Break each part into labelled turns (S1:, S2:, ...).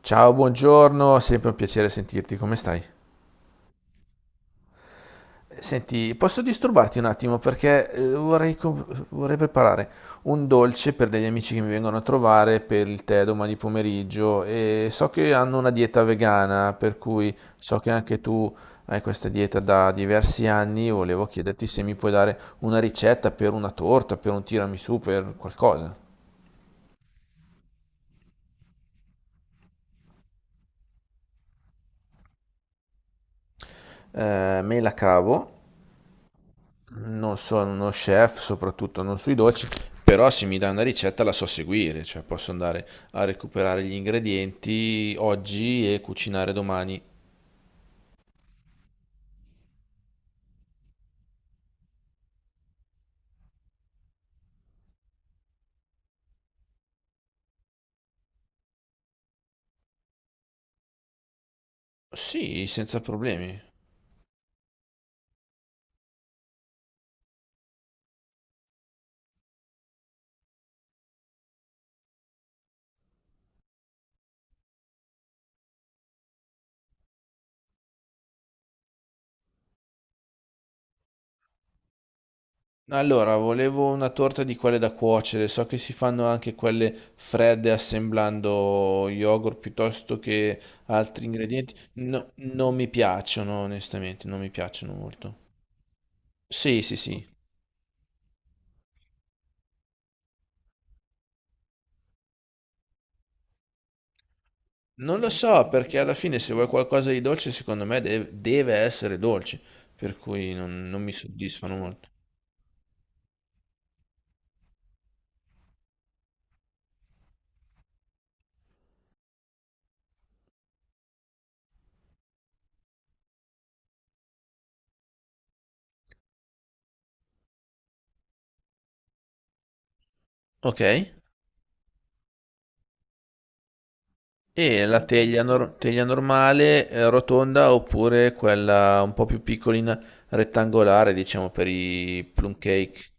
S1: Ciao, buongiorno, sempre un piacere sentirti, come stai? Senti, posso disturbarti un attimo perché vorrei, vorrei preparare un dolce per degli amici che mi vengono a trovare per il tè domani pomeriggio e so che hanno una dieta vegana, per cui so che anche tu hai questa dieta da diversi anni, volevo chiederti se mi puoi dare una ricetta per una torta, per un tiramisù, per qualcosa. Me la cavo. Non sono uno chef, soprattutto non sui dolci, però se mi dai una ricetta la so seguire, cioè posso andare a recuperare gli ingredienti oggi e cucinare domani. Sì, senza problemi. Allora, volevo una torta di quelle da cuocere, so che si fanno anche quelle fredde assemblando yogurt piuttosto che altri ingredienti. No, non mi piacciono, onestamente, non mi piacciono molto. Sì, sì, sì. Non lo so, perché alla fine se vuoi qualcosa di dolce, secondo me deve essere dolce, per cui non mi soddisfano molto. Ok, e la teglia, teglia normale, rotonda, oppure quella un po' più piccolina, rettangolare, diciamo, per i plum cake?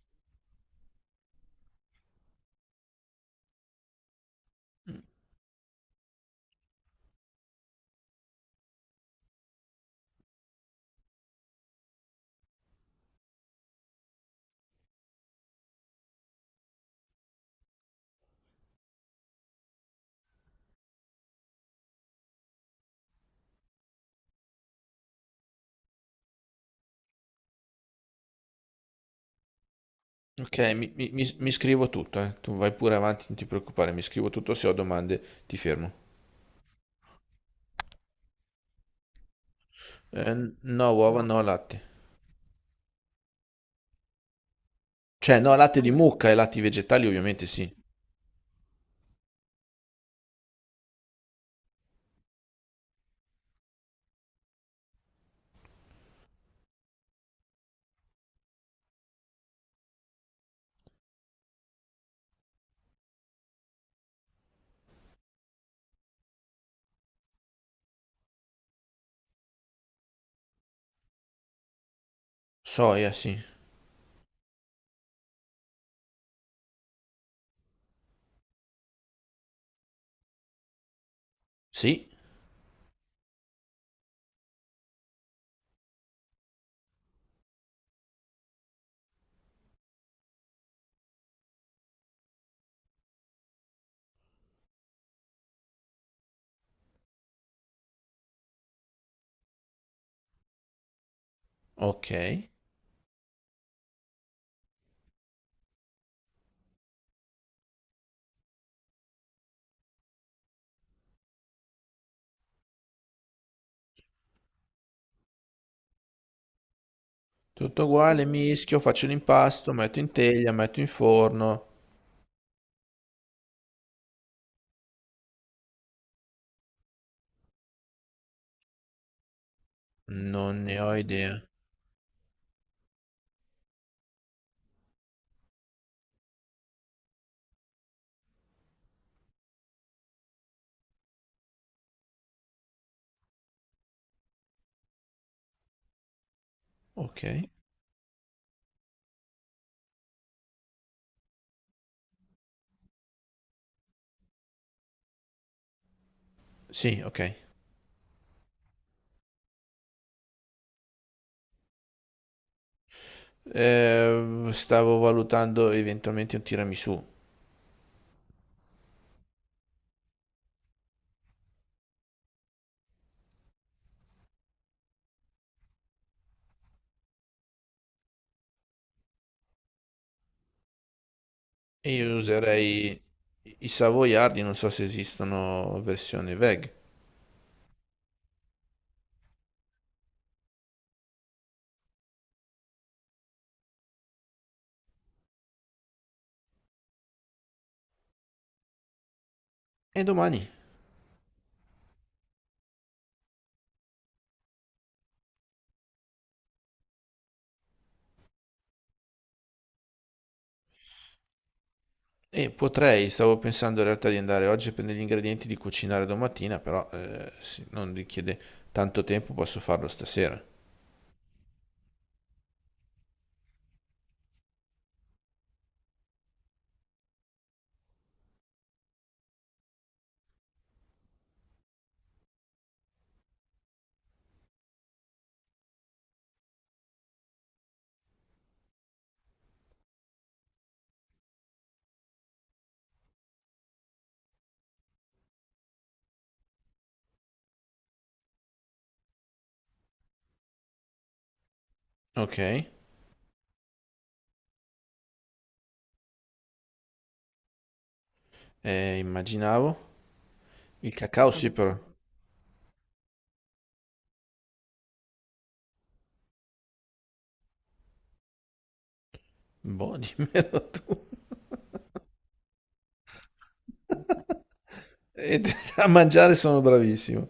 S1: Ok, mi scrivo tutto, eh. Tu vai pure avanti, non ti preoccupare, mi scrivo tutto, se ho domande ti fermo. Eh, no, uova, no, latte. Cioè, no, latte di mucca e latti vegetali ovviamente sì. Soia, sì. Sì, ok. Tutto uguale, mischio, faccio l'impasto, metto in teglia, metto in forno. Non ne ho idea. Ok. Sì, ok. Stavo valutando eventualmente un tiramisù. E io userei i savoiardi, non so se esistono versione veg. E domani? E potrei, stavo pensando in realtà di andare oggi a prendere gli ingredienti di cucinare domattina, però se non richiede tanto tempo, posso farlo stasera. Ok, immaginavo. Il cacao sì però. Boh, dimmelo tu. E a mangiare sono bravissimo.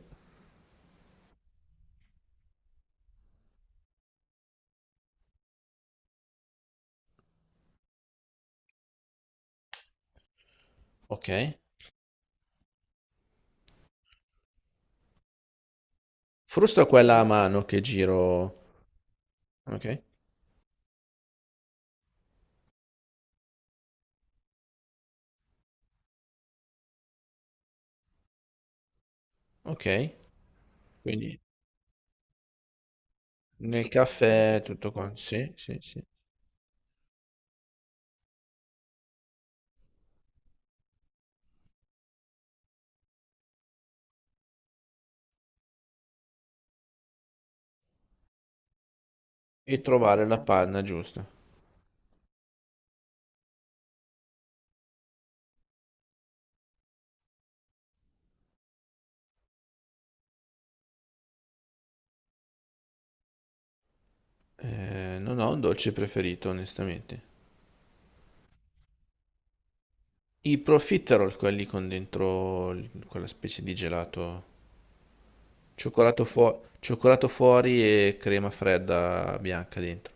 S1: Ok. Frusto quella a mano che giro. Ok. Ok. Quindi nel caffè tutto quanto. Sì, sì, sì. E trovare la panna giusta. Non ho un dolce preferito, onestamente. I profiterol, quelli con dentro quella specie di gelato. Cioccolato, cioccolato fuori e crema fredda bianca dentro.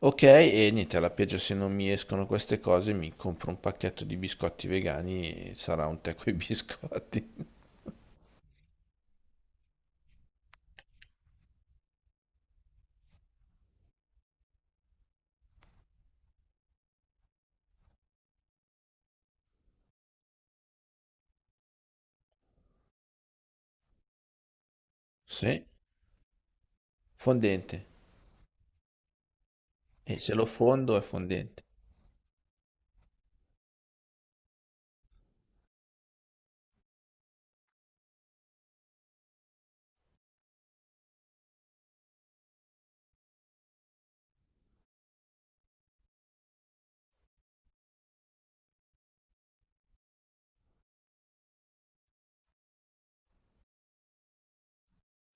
S1: Ok, e niente, alla peggio se non mi escono queste cose mi compro un pacchetto di biscotti vegani e sarà un tè coi biscotti. Sì, fondente. E se lo fondo è fondente.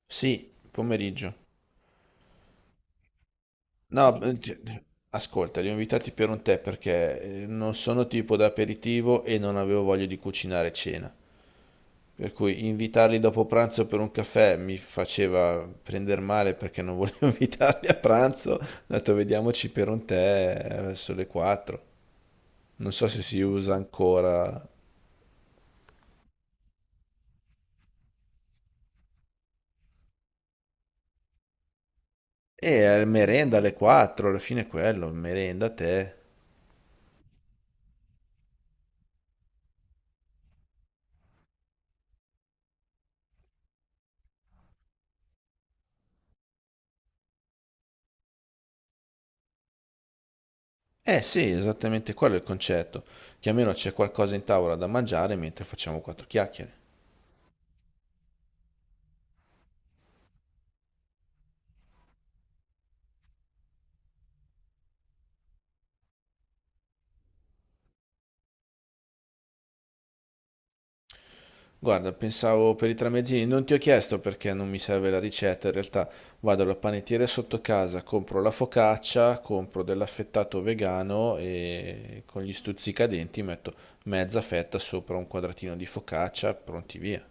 S1: Sì, pomeriggio. No, sì. Ascolta, li ho invitati per un tè perché non sono tipo da aperitivo e non avevo voglia di cucinare cena. Per cui invitarli dopo pranzo per un caffè mi faceva prendere male perché non volevo invitarli a pranzo. Ho detto vediamoci per un tè, verso le 4. Non so se si usa ancora. Merenda alle 4, alla fine è quello, merenda, tè. Eh sì, esattamente quello è il concetto, che almeno c'è qualcosa in tavola da mangiare mentre facciamo quattro chiacchiere. Guarda, pensavo per i tramezzini, non ti ho chiesto perché non mi serve la ricetta, in realtà vado alla panettiere sotto casa, compro la focaccia, compro dell'affettato vegano e con gli stuzzicadenti metto mezza fetta sopra un quadratino di focaccia, pronti via.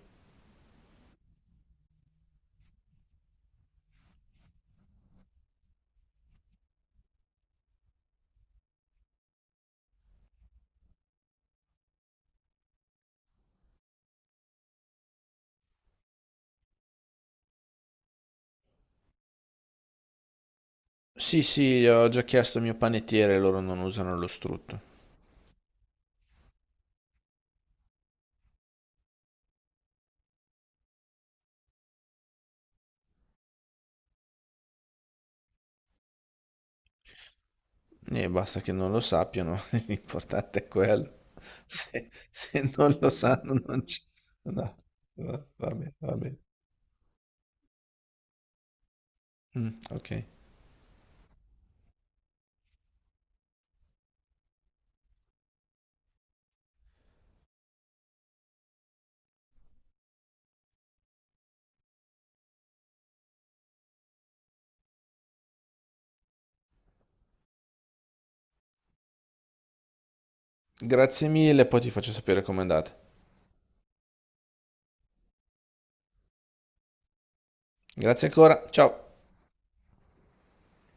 S1: Sì, sì, ho già chiesto al mio panettiere, loro non usano lo strutto. E basta che non lo sappiano, l'importante è quello. Se, se non lo sanno non ci... No, va bene, va bene. Mm, ok. Grazie mille, poi ti faccio sapere com'è andata. Grazie ancora, ciao.